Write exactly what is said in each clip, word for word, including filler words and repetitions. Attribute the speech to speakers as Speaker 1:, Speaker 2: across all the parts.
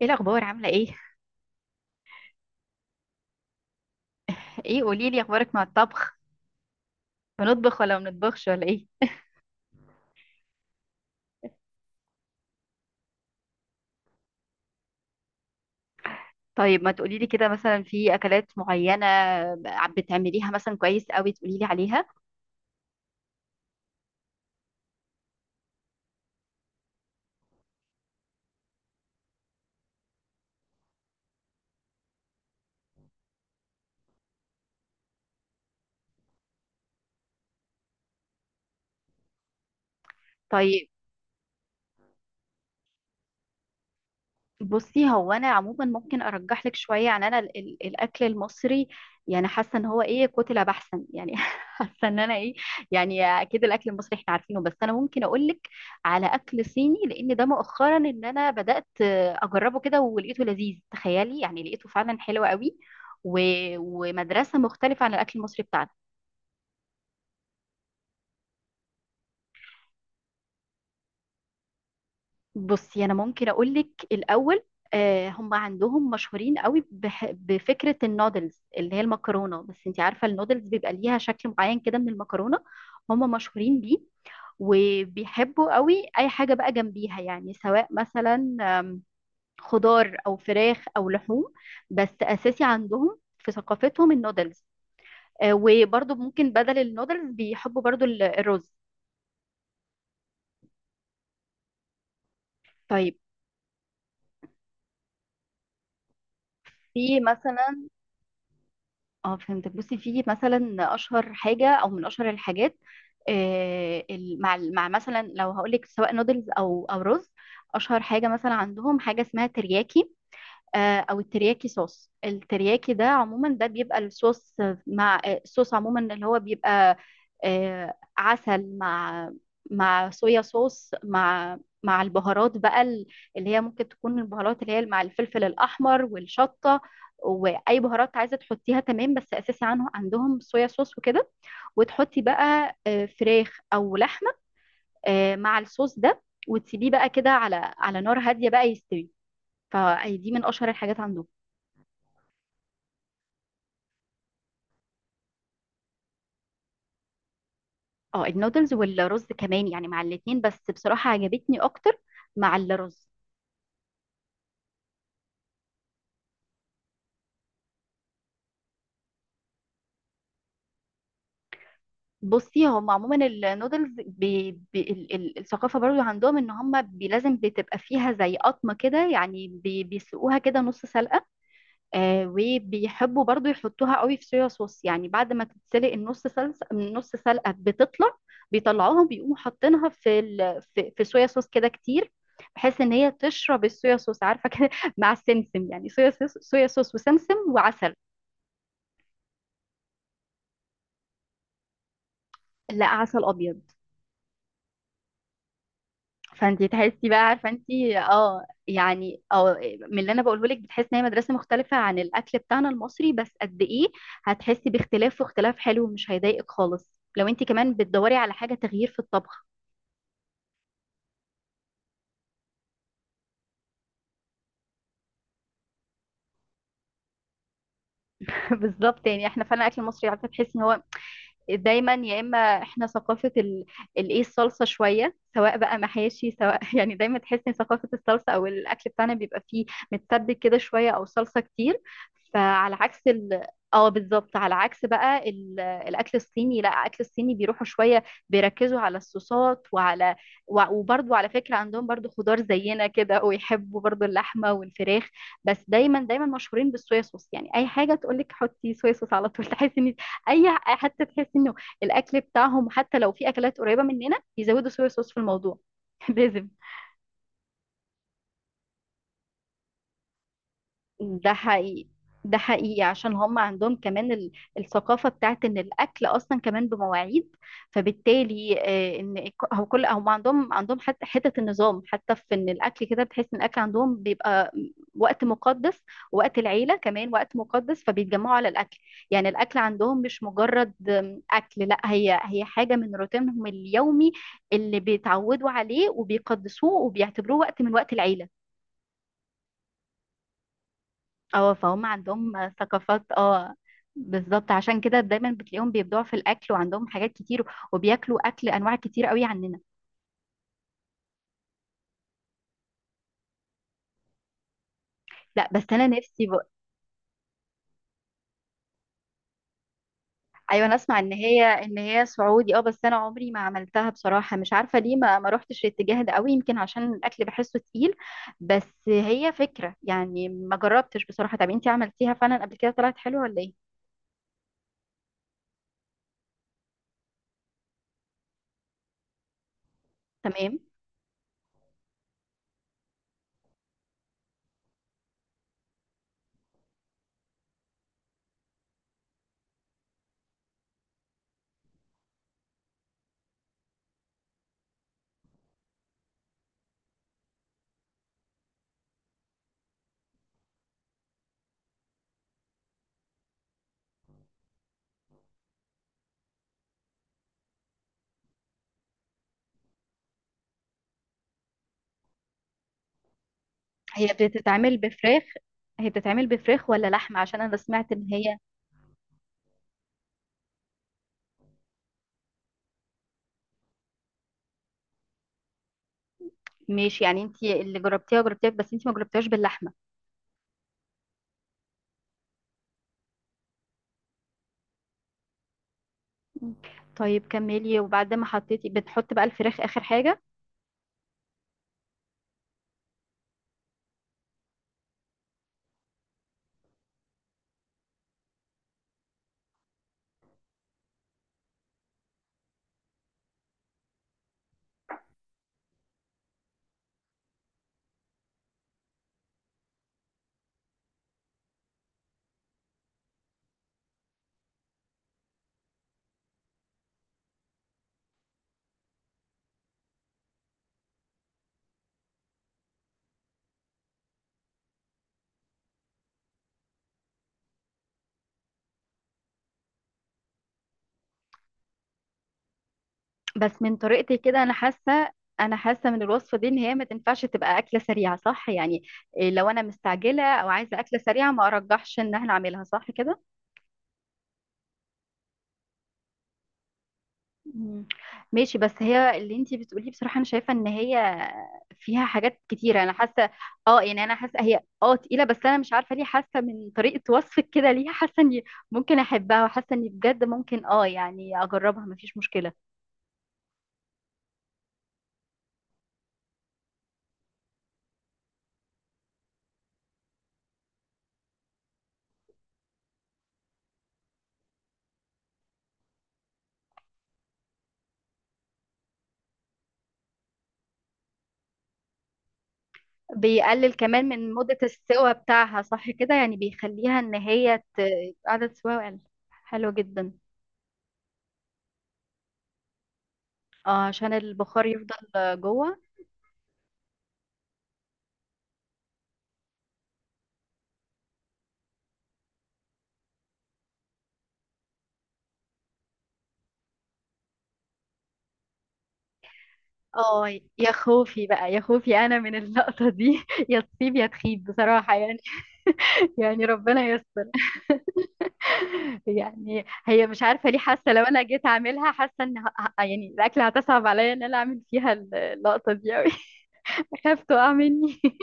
Speaker 1: ايه الاخبار؟ عامله ايه؟ ايه، قولي لي اخبارك مع الطبخ. بنطبخ ولا ما بنطبخش ولا ايه؟ طيب، ما تقولي لي كده مثلا، في اكلات معينه بتعمليها مثلا كويس قوي تقولي لي عليها؟ طيب. بصي، هو انا عموما ممكن ارجح لك شويه، يعني انا ال- ال- الاكل المصري، يعني حاسه ان هو ايه، كتله بحثا يعني حاسه ان انا ايه، يعني اكيد الاكل المصري احنا عارفينه، بس انا ممكن اقول لك على اكل صيني، لان ده مؤخرا ان انا بدات اجربه كده ولقيته لذيذ، تخيلي، يعني لقيته فعلا حلو قوي. و... ومدرسه مختلفه عن الاكل المصري بتاعنا. بصي، انا ممكن اقول لك الاول. آه، هم عندهم مشهورين قوي بح- بفكره النودلز، اللي هي المكرونه، بس انت عارفه النودلز بيبقى ليها شكل معين كده من المكرونه، هم مشهورين بيه. وبيحبوا قوي اي حاجه بقى جنبيها، يعني سواء مثلا خضار او فراخ او لحوم، بس اساسي عندهم في ثقافتهم النودلز. آه، وبرضو ممكن بدل النودلز بيحبوا برضو ال- الرز. طيب، في مثلا، اه فهمتك. بصي، في مثلا اشهر حاجه او من اشهر الحاجات، آه، ال- مع مع مثلا، لو هقول لك سواء نودلز او او رز، اشهر حاجه مثلا عندهم حاجه اسمها ترياكي. آه، او الترياكي، صوص الترياكي ده عموما ده بيبقى الصوص، مع آه، الصوص عموما، اللي هو بيبقى آه، عسل، مع مع صويا صوص، مع مع البهارات بقى، ال- اللي هي ممكن تكون البهارات اللي هي مع الفلفل الاحمر والشطه، واي بهارات عايزه تحطيها، تمام. بس اساسي عنه عندهم صويا صوص وكده، وتحطي بقى آه، فراخ او لحمه، آه، مع الصوص ده، وتسيبيه بقى كده على على نار هاديه بقى يستوي. فدي من اشهر الحاجات عندهم. اه، النودلز والرز كمان، يعني مع الاتنين، بس بصراحة عجبتني اكتر مع الرز. بصي، هم عموما النودلز بي بي ال- ال- الثقافة برضو عندهم ان هم، بي لازم بتبقى فيها زي قطمة كده، يعني بي بيسلقوها كده نص سلقة. آه، وبيحبوا برضو يحطوها قوي في صويا صوص، يعني بعد ما تتسلق النص سلسة النص سلقة، بتطلع بيطلعوها، بيقوموا حاطينها في ال... في, في صويا صوص كده كتير، بحيث ان هي تشرب الصويا صوص، عارفة كده مع السمسم، يعني صويا صوص صويا صوص وسمسم وعسل. لا، عسل ابيض. فانتي تحسي بقى، عارفه انتي، اه يعني اه، من اللي انا بقوله لك بتحسي ان هي مدرسه مختلفه عن الاكل بتاعنا المصري، بس قد ايه هتحسي باختلاف، واختلاف حلو ومش هيضايقك خالص، لو انتي كمان بتدوري على حاجه تغيير في الطبخ. بالظبط، يعني احنا فعلا الاكل المصري، عارفه تحسي ان هو دايما، يا اما احنا ثقافه ال- الايه، الصلصه شويه، سواء بقى محاشي سواء يعني دايما تحس ان ثقافه الصلصه، او الاكل بتاعنا بيبقى فيه متسبك كده شويه او صلصه كتير. فعلى عكس ال اه، بالظبط، على عكس بقى ال- الاكل الصيني. لا، الاكل الصيني بيروحوا شويه بيركزوا على الصوصات، وعلى و- وبرضو على فكره عندهم برضو خضار زينا كده، ويحبوا برضو اللحمه والفراخ، بس دايما دايما مشهورين بالصويا صوص. يعني اي حاجه تقولك حطي صويا صوص على طول، تحسي ان اي، حتى تحس انه الاكل بتاعهم حتى لو في اكلات قريبه مننا بيزودوا صويا صوص في الموضوع لازم. ده حقيقي، ده حقيقي، عشان هم عندهم كمان ال- الثقافة بتاعت ان الاكل اصلا كمان بمواعيد. فبالتالي آه، ان ك- هو كل، هم عندهم عندهم حتى حتة النظام، حتى في ان الاكل كده، بتحس ان الاكل عندهم بيبقى وقت مقدس، وقت العيلة كمان وقت مقدس، فبيتجمعوا على الاكل. يعني الاكل عندهم مش مجرد آم، اكل، لا، هي هي حاجة من روتينهم اليومي، اللي بيتعودوا عليه وبيقدسوه وبيعتبروه وقت من وقت العيلة. اه، فهم عندهم ثقافات، اه بالظبط. عشان كده دايما بتلاقيهم بيبدعوا في الاكل وعندهم حاجات كتير، وبياكلوا اكل انواع كتير قوي عننا. لا، بس انا نفسي بقى. ايوه، انا اسمع ان هي ان هي سعودي، اه. بس انا عمري ما عملتها بصراحه، مش عارفه ليه ما ما روحتش الاتجاه ده قوي، يمكن عشان الاكل بحسه تقيل. بس هي فكره، يعني ما جربتش بصراحه. طب انتي عملتيها فعلا قبل كده؟ طلعت حلوه ولا ايه؟ تمام. هي بتتعمل بفراخ هي بتتعمل بفراخ ولا لحمه؟ عشان انا سمعت ان هي. ماشي، يعني انت اللي جربتيها جربتيها، بس انت ما جربتيهاش باللحمه. مم. طيب، كملي. وبعد ما حطيتي، بنحط بقى الفراخ اخر حاجه؟ بس من طريقتك كده انا حاسه، انا حاسه من الوصفه دي ان هي ما تنفعش تبقى اكله سريعه، صح يعني؟ إيه، لو انا مستعجله او عايزه اكله سريعه ما ارجحش ان احنا اعملها، صح كده؟ مم. ماشي، بس هي اللي انتي بتقوليه بصراحة انا شايفة ان هي فيها حاجات كتيرة، انا حاسة، اه يعني انا حاسة هي، اه تقيلة، بس انا مش عارفة ليه حاسة من طريقة وصفك كده ليها، حاسة اني ممكن احبها، وحاسة اني بجد ممكن، اه يعني اجربها مفيش مشكلة. بيقلل كمان من مدة السوا بتاعها، صح كده، يعني بيخليها ان هي ت- عدد سواها يقل. حلو جدا. اه، عشان البخار يفضل جوه. اه، يا خوفي بقى، يا خوفي انا من اللقطة دي يا تصيب يا تخيب بصراحة يعني. يعني ربنا يستر. يعني هي، مش عارفة ليه حاسة لو انا جيت اعملها، حاسة ان ه- ه- يعني الاكل هتصعب عليا ان انا اعمل فيها ال- اللقطة دي اوي اخاف تقع مني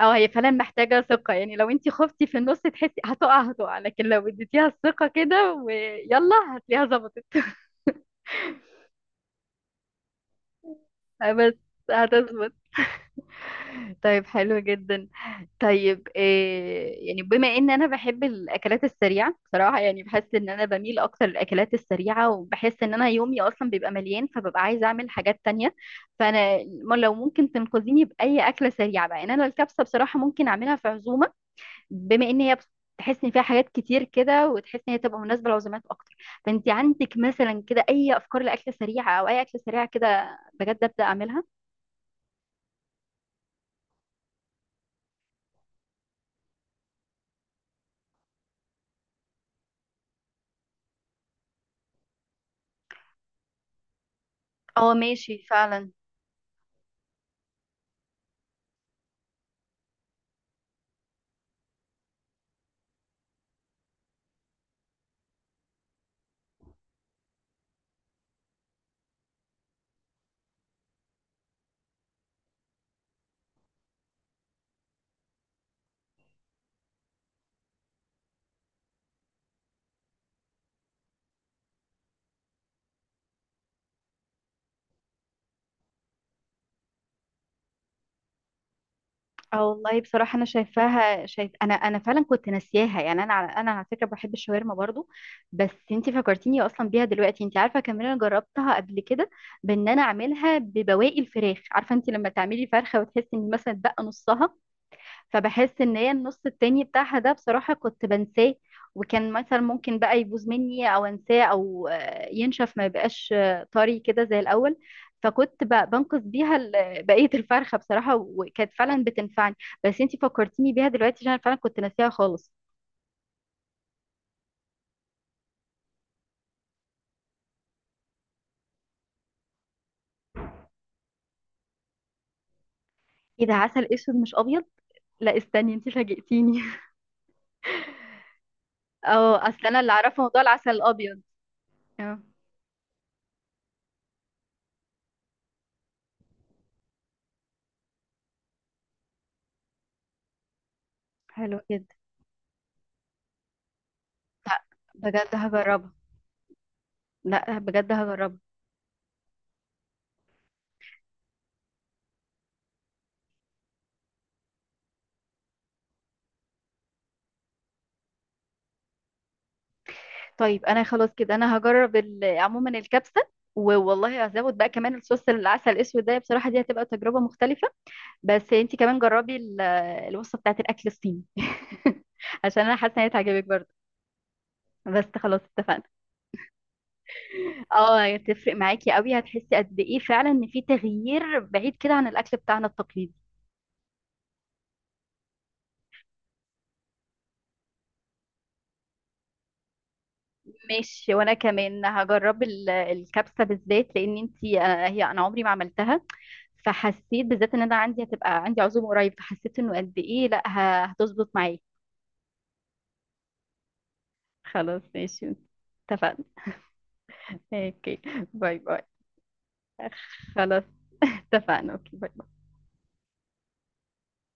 Speaker 1: او هي فعلا محتاجة ثقة، يعني لو انتي خفتي في النص تحسي هتقع هتقع، لكن لو اديتيها الثقة كده ويلا هتلاقيها ظبطت. بس هتظبط. طيب حلو جدا. طيب إيه، يعني بما ان انا بحب الاكلات السريعه بصراحه، يعني بحس ان انا بميل اكتر للاكلات السريعه، وبحس ان انا يومي اصلا بيبقى مليان، فببقى عايزه اعمل حاجات تانية. فانا م- لو ممكن تنقذيني باي اكله سريعه بقى. يعني انا الكبسه بصراحه ممكن اعملها في عزومه، بما ان هي بس- تحس ان فيها حاجات كتير كده، وتحس ان هي تبقى مناسبه لعزومات اكتر. فانت عندك مثلا كده اي افكار لاكله سريعه، او اي اكله سريعه كده بجد ابدا اعملها؟ اه ماشي فعلا. اه والله بصراحة، أنا شايفاها، شايف، أنا أنا فعلا كنت ناسياها، يعني، أنا على أنا على فكرة بحب الشاورما برضو. بس أنتي فكرتيني أصلا بيها دلوقتي. أنتي عارفة كمان، أنا جربتها قبل كده، بإن أنا أعملها ببواقي الفراخ. عارفة أنتي لما تعملي فرخة وتحسي إن مثلا اتبقى نصها، فبحس ان هي النص التاني بتاعها ده بصراحة كنت بنساه، وكان مثلا ممكن بقى يبوظ مني او انساه، او آه، ينشف ما يبقاش آه، طري كده زي الاول. فكنت ب- بنقص بيها ال- بقية الفرخة بصراحة، وكانت فعلا بتنفعني. بس انتي فكرتيني بيها دلوقتي، عشان أنا فعلا كنت ناسيها خالص. ايه ده، عسل اسود مش ابيض؟ لا، استني، انتي فاجئتيني. اه، اصل انا اللي اعرفه موضوع العسل الابيض. اه. حلو جدا. بجد هجربها. لا، بجد هجربها. طيب انا خلاص كده، انا هجرب ال- عموما الكبسه، والله هزود بقى كمان الصوص، العسل الاسود ده بصراحه، دي هتبقى تجربه مختلفه. بس انت كمان جربي ال- الوصفه بتاعت الاكل الصيني عشان انا حاسه ان هي تعجبك برضه. بس خلاص اتفقنا. اه، هتفرق معاكي قوي، هتحسي قد ايه فعلا ان في تغيير بعيد كده عن الاكل بتاعنا التقليدي. ماشي. وانا كمان هجرب ال- الكبسه بالذات، لان انت هي، انا عمري ما عملتها. فحسيت بالذات ان انا عندي هتبقى عندي عزومه قريب، فحسيت انه قد ايه، لا ه- هتظبط معايا. خلاص ماشي. اتفقنا. اوكي. باي باي. خلاص اتفقنا. اوكي. باي.